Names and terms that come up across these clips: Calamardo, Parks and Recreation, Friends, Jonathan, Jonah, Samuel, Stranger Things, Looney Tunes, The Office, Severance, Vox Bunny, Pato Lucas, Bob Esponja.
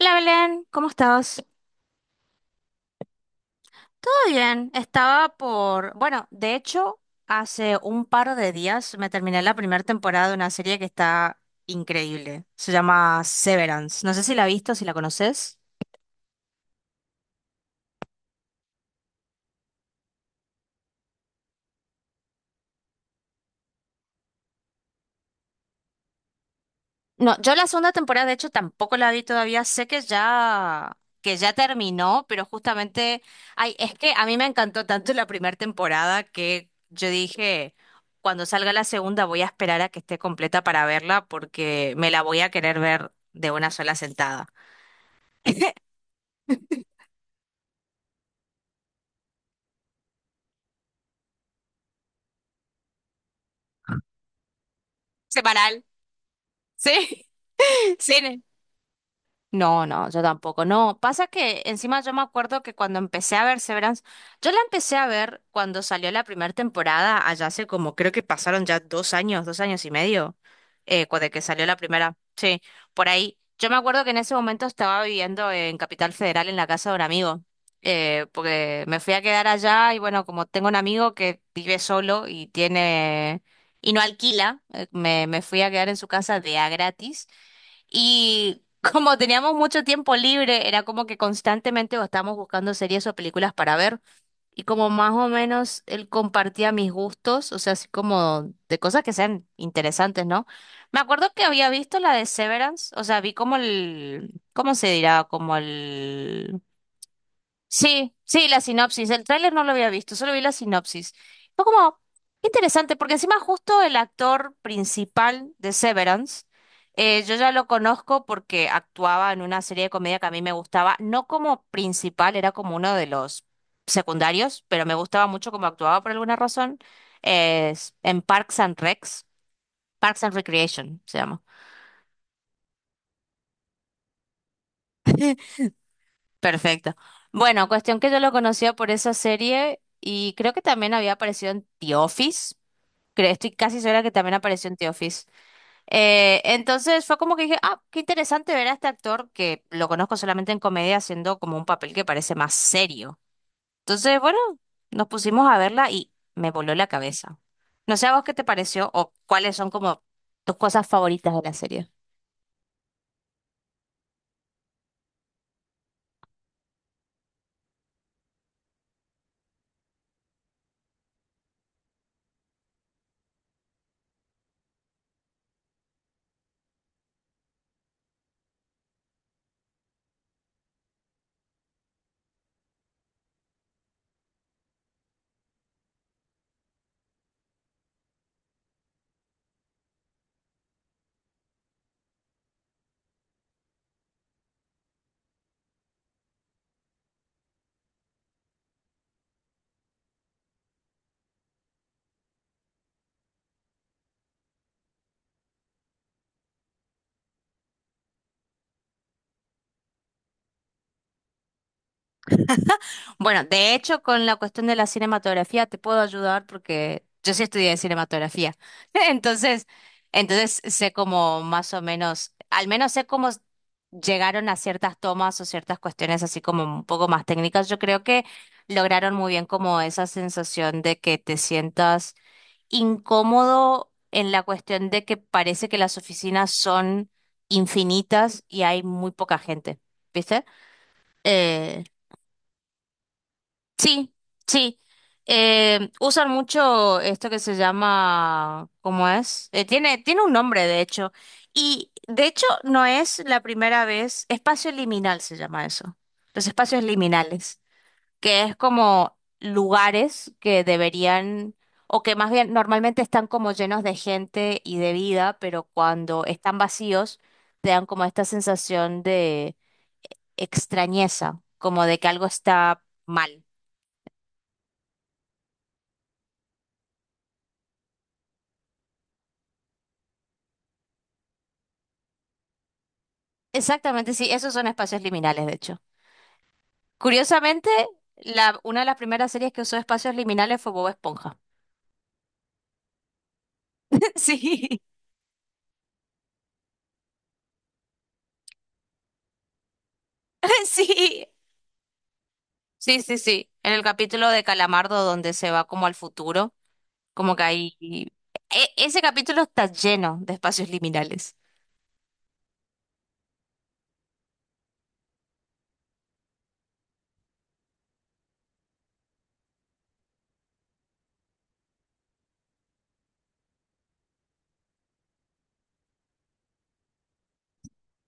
Hola Belén, ¿cómo estás? Todo bien, estaba por... Bueno, de hecho, hace un par de días me terminé la primera temporada de una serie que está increíble. Se llama Severance. No sé si la has visto, si la conoces. No, yo la segunda temporada, de hecho, tampoco la vi todavía. Sé que ya terminó, pero justamente, ay, es que a mí me encantó tanto la primera temporada que yo dije, cuando salga la segunda voy a esperar a que esté completa para verla porque me la voy a querer ver de una sola sentada. Semanal. Sí, sí. No, no, yo tampoco. No, pasa que encima yo me acuerdo que cuando empecé a ver Severance, yo la empecé a ver cuando salió la primera temporada, allá hace como creo que pasaron ya dos años y medio, de que salió la primera. Sí, por ahí. Yo me acuerdo que en ese momento estaba viviendo en Capital Federal en la casa de un amigo, porque me fui a quedar allá y bueno, como tengo un amigo que vive solo y tiene y no alquila, me fui a quedar en su casa de a gratis. Y como teníamos mucho tiempo libre, era como que constantemente estábamos buscando series o películas para ver. Y como más o menos él compartía mis gustos, o sea, así como de cosas que sean interesantes, ¿no? Me acuerdo que había visto la de Severance, o sea, vi como el, ¿cómo se dirá? Como el... Sí, sí, la sinopsis. El tráiler no lo había visto, solo vi la sinopsis. Fue como qué interesante, porque encima justo el actor principal de Severance, yo ya lo conozco porque actuaba en una serie de comedia que a mí me gustaba, no como principal, era como uno de los secundarios, pero me gustaba mucho cómo actuaba por alguna razón, es en Parks and Recs, Parks and Recreation se llama. Perfecto. Bueno, cuestión que yo lo conocía por esa serie y creo que también había aparecido en The Office. Creo, estoy casi segura que también apareció en The Office. Entonces fue como que dije, ah, qué interesante ver a este actor que lo conozco solamente en comedia haciendo como un papel que parece más serio. Entonces, bueno, nos pusimos a verla y me voló la cabeza. No sé a vos qué te pareció o cuáles son como tus cosas favoritas de la serie. Bueno, de hecho, con la cuestión de la cinematografía te puedo ayudar porque yo sí estudié cinematografía. Entonces, entonces sé como más o menos, al menos sé cómo s- llegaron a ciertas tomas o ciertas cuestiones así como un poco más técnicas. Yo creo que lograron muy bien como esa sensación de que te sientas incómodo en la cuestión de que parece que las oficinas son infinitas y hay muy poca gente, ¿viste? Eh, Sí, sí. Usan mucho esto que se llama, ¿cómo es? Tiene, tiene un nombre, de hecho. Y de hecho no es la primera vez, espacio liminal se llama eso. Los espacios liminales, que es como lugares que deberían, o que más bien normalmente están como llenos de gente y de vida, pero cuando están vacíos, te dan como esta sensación de extrañeza, como de que algo está mal. Exactamente, sí, esos son espacios liminales, de hecho. Curiosamente, la, una de las primeras series que usó espacios liminales fue Bob Esponja. Sí, sí, sí, sí, sí. En el capítulo de Calamardo donde se va como al futuro, como que ahí... ese capítulo está lleno de espacios liminales.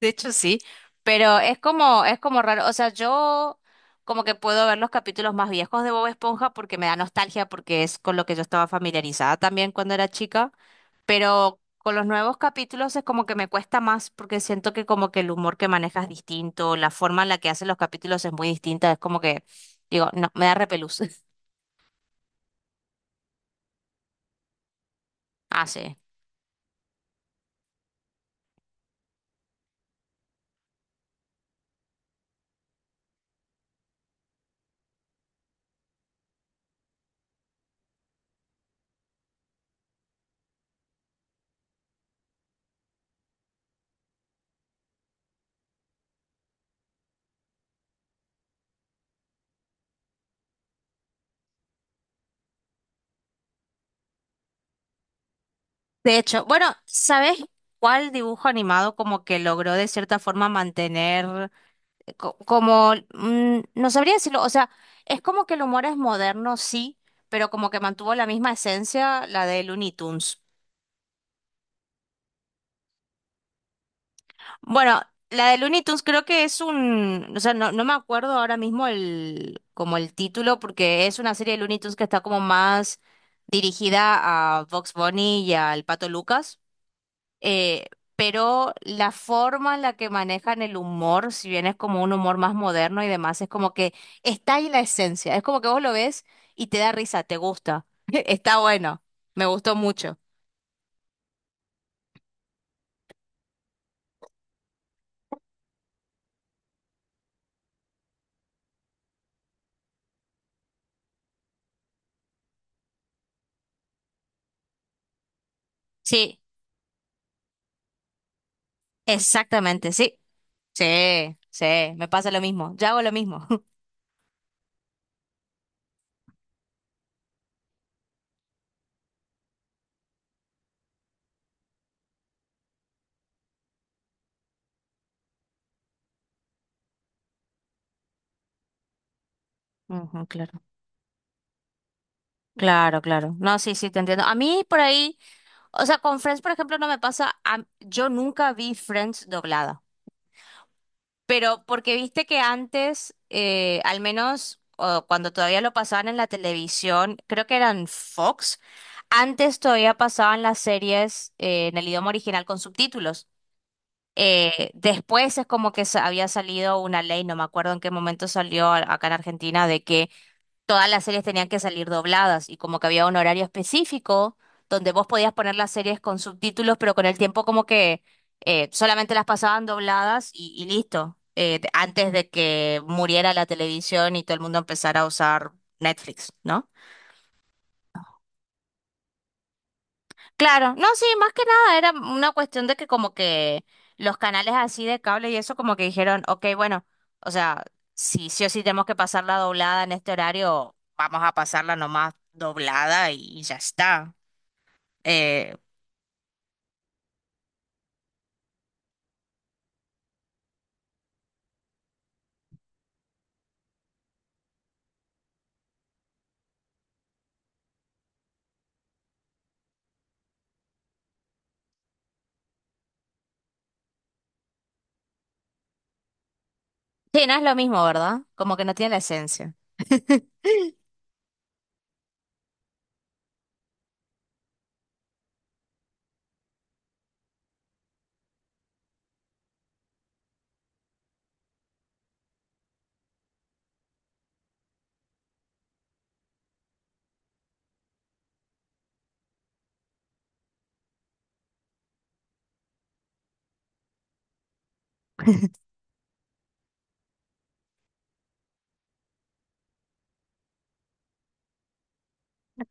De hecho, sí, pero es como raro. O sea, yo como que puedo ver los capítulos más viejos de Bob Esponja porque me da nostalgia, porque es con lo que yo estaba familiarizada también cuando era chica. Pero con los nuevos capítulos es como que me cuesta más porque siento que como que el humor que manejas es distinto, la forma en la que hacen los capítulos es muy distinta, es como que, digo, no, me da repelús. Ah, sí. De hecho, bueno, ¿sabes cuál dibujo animado como que logró de cierta forma mantener no sabría decirlo, o sea, es como que el humor es moderno, sí, pero como que mantuvo la misma esencia, la de Looney Tunes. Bueno, la de Looney Tunes creo que es un, o sea, no, no me acuerdo ahora mismo el, como el título, porque es una serie de Looney Tunes que está como más dirigida a Vox Bunny y al Pato Lucas, eh, pero la forma en la que manejan el humor, si bien es como un humor más moderno y demás, es como que está ahí la esencia, es como que vos lo ves y te da risa, te gusta, está bueno, me gustó mucho. Sí, exactamente, sí. Sí, sí, me pasa lo mismo, yo hago lo mismo. Ujú, claro, claro, claro. No, sí, sí, te entiendo. A mí por ahí, o sea, con Friends, por ejemplo, no me pasa, yo nunca vi Friends doblada, pero porque viste que antes, al menos o cuando todavía lo pasaban en la televisión, creo que eran Fox, antes todavía pasaban las series en el idioma original con subtítulos. Después es como que había salido una ley, no me acuerdo en qué momento salió acá en Argentina, de que todas las series tenían que salir dobladas y como que había un horario específico donde vos podías poner las series con subtítulos, pero con el tiempo como que solamente las pasaban dobladas y listo, antes de que muriera la televisión y todo el mundo empezara a usar Netflix, ¿no? Claro, no, sí, más que nada era una cuestión de que como que los canales así de cable y eso como que dijeron, ok, bueno, o sea, si sí o sí tenemos que pasar la doblada en este horario, vamos a pasarla nomás doblada y ya está. Eh, sí, no es lo mismo, ¿verdad? Como que no tiene la esencia.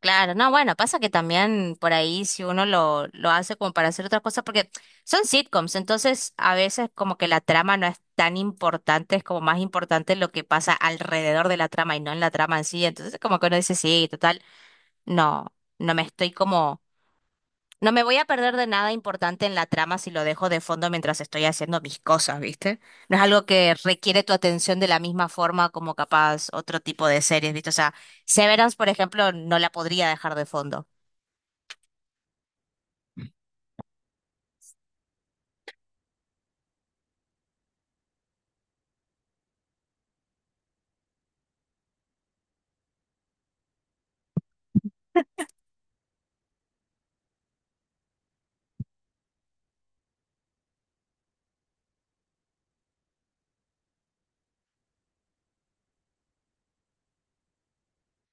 Claro, no, bueno, pasa que también por ahí si uno lo hace como para hacer otras cosas, porque son sitcoms, entonces a veces como que la trama no es tan importante, es como más importante lo que pasa alrededor de la trama y no en la trama en sí, entonces como que uno dice, sí, total, no, no me estoy como, no me voy a perder de nada importante en la trama si lo dejo de fondo mientras estoy haciendo mis cosas, ¿viste? No es algo que requiere tu atención de la misma forma como capaz otro tipo de series, ¿viste? O sea, Severance, por ejemplo, no la podría dejar de fondo.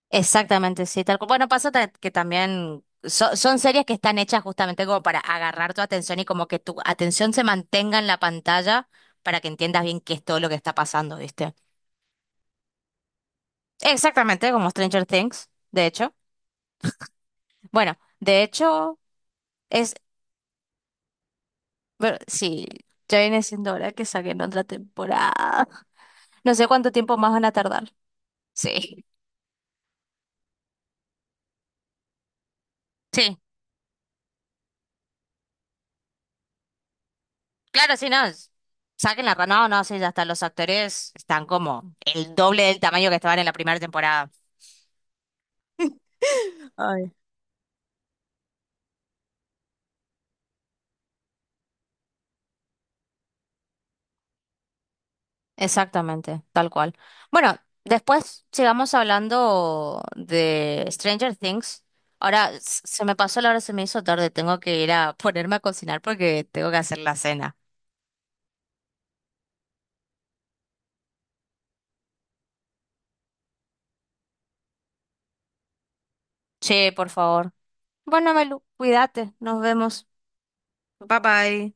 Exactamente, sí, tal cual. Bueno, pasa que también son series que están hechas justamente como para agarrar tu atención y como que tu atención se mantenga en la pantalla para que entiendas bien qué es todo lo que está pasando, ¿viste? Exactamente, como Stranger Things, de hecho. Bueno, de hecho, es, sí, ya viene siendo hora que saquen otra temporada. No sé cuánto tiempo más van a tardar. Sí. Sí. Claro, sí, no. Saquen la... No, no, sí, ya está. Los actores están como el doble del tamaño que estaban en la primera temporada. Ay. Exactamente, tal cual. Bueno, después sigamos hablando de Stranger Things. Ahora se me pasó la hora, se me hizo tarde. Tengo que ir a ponerme a cocinar porque tengo que hacer la cena. Che, por favor. Bueno, Melu, cuídate. Nos vemos. Bye bye.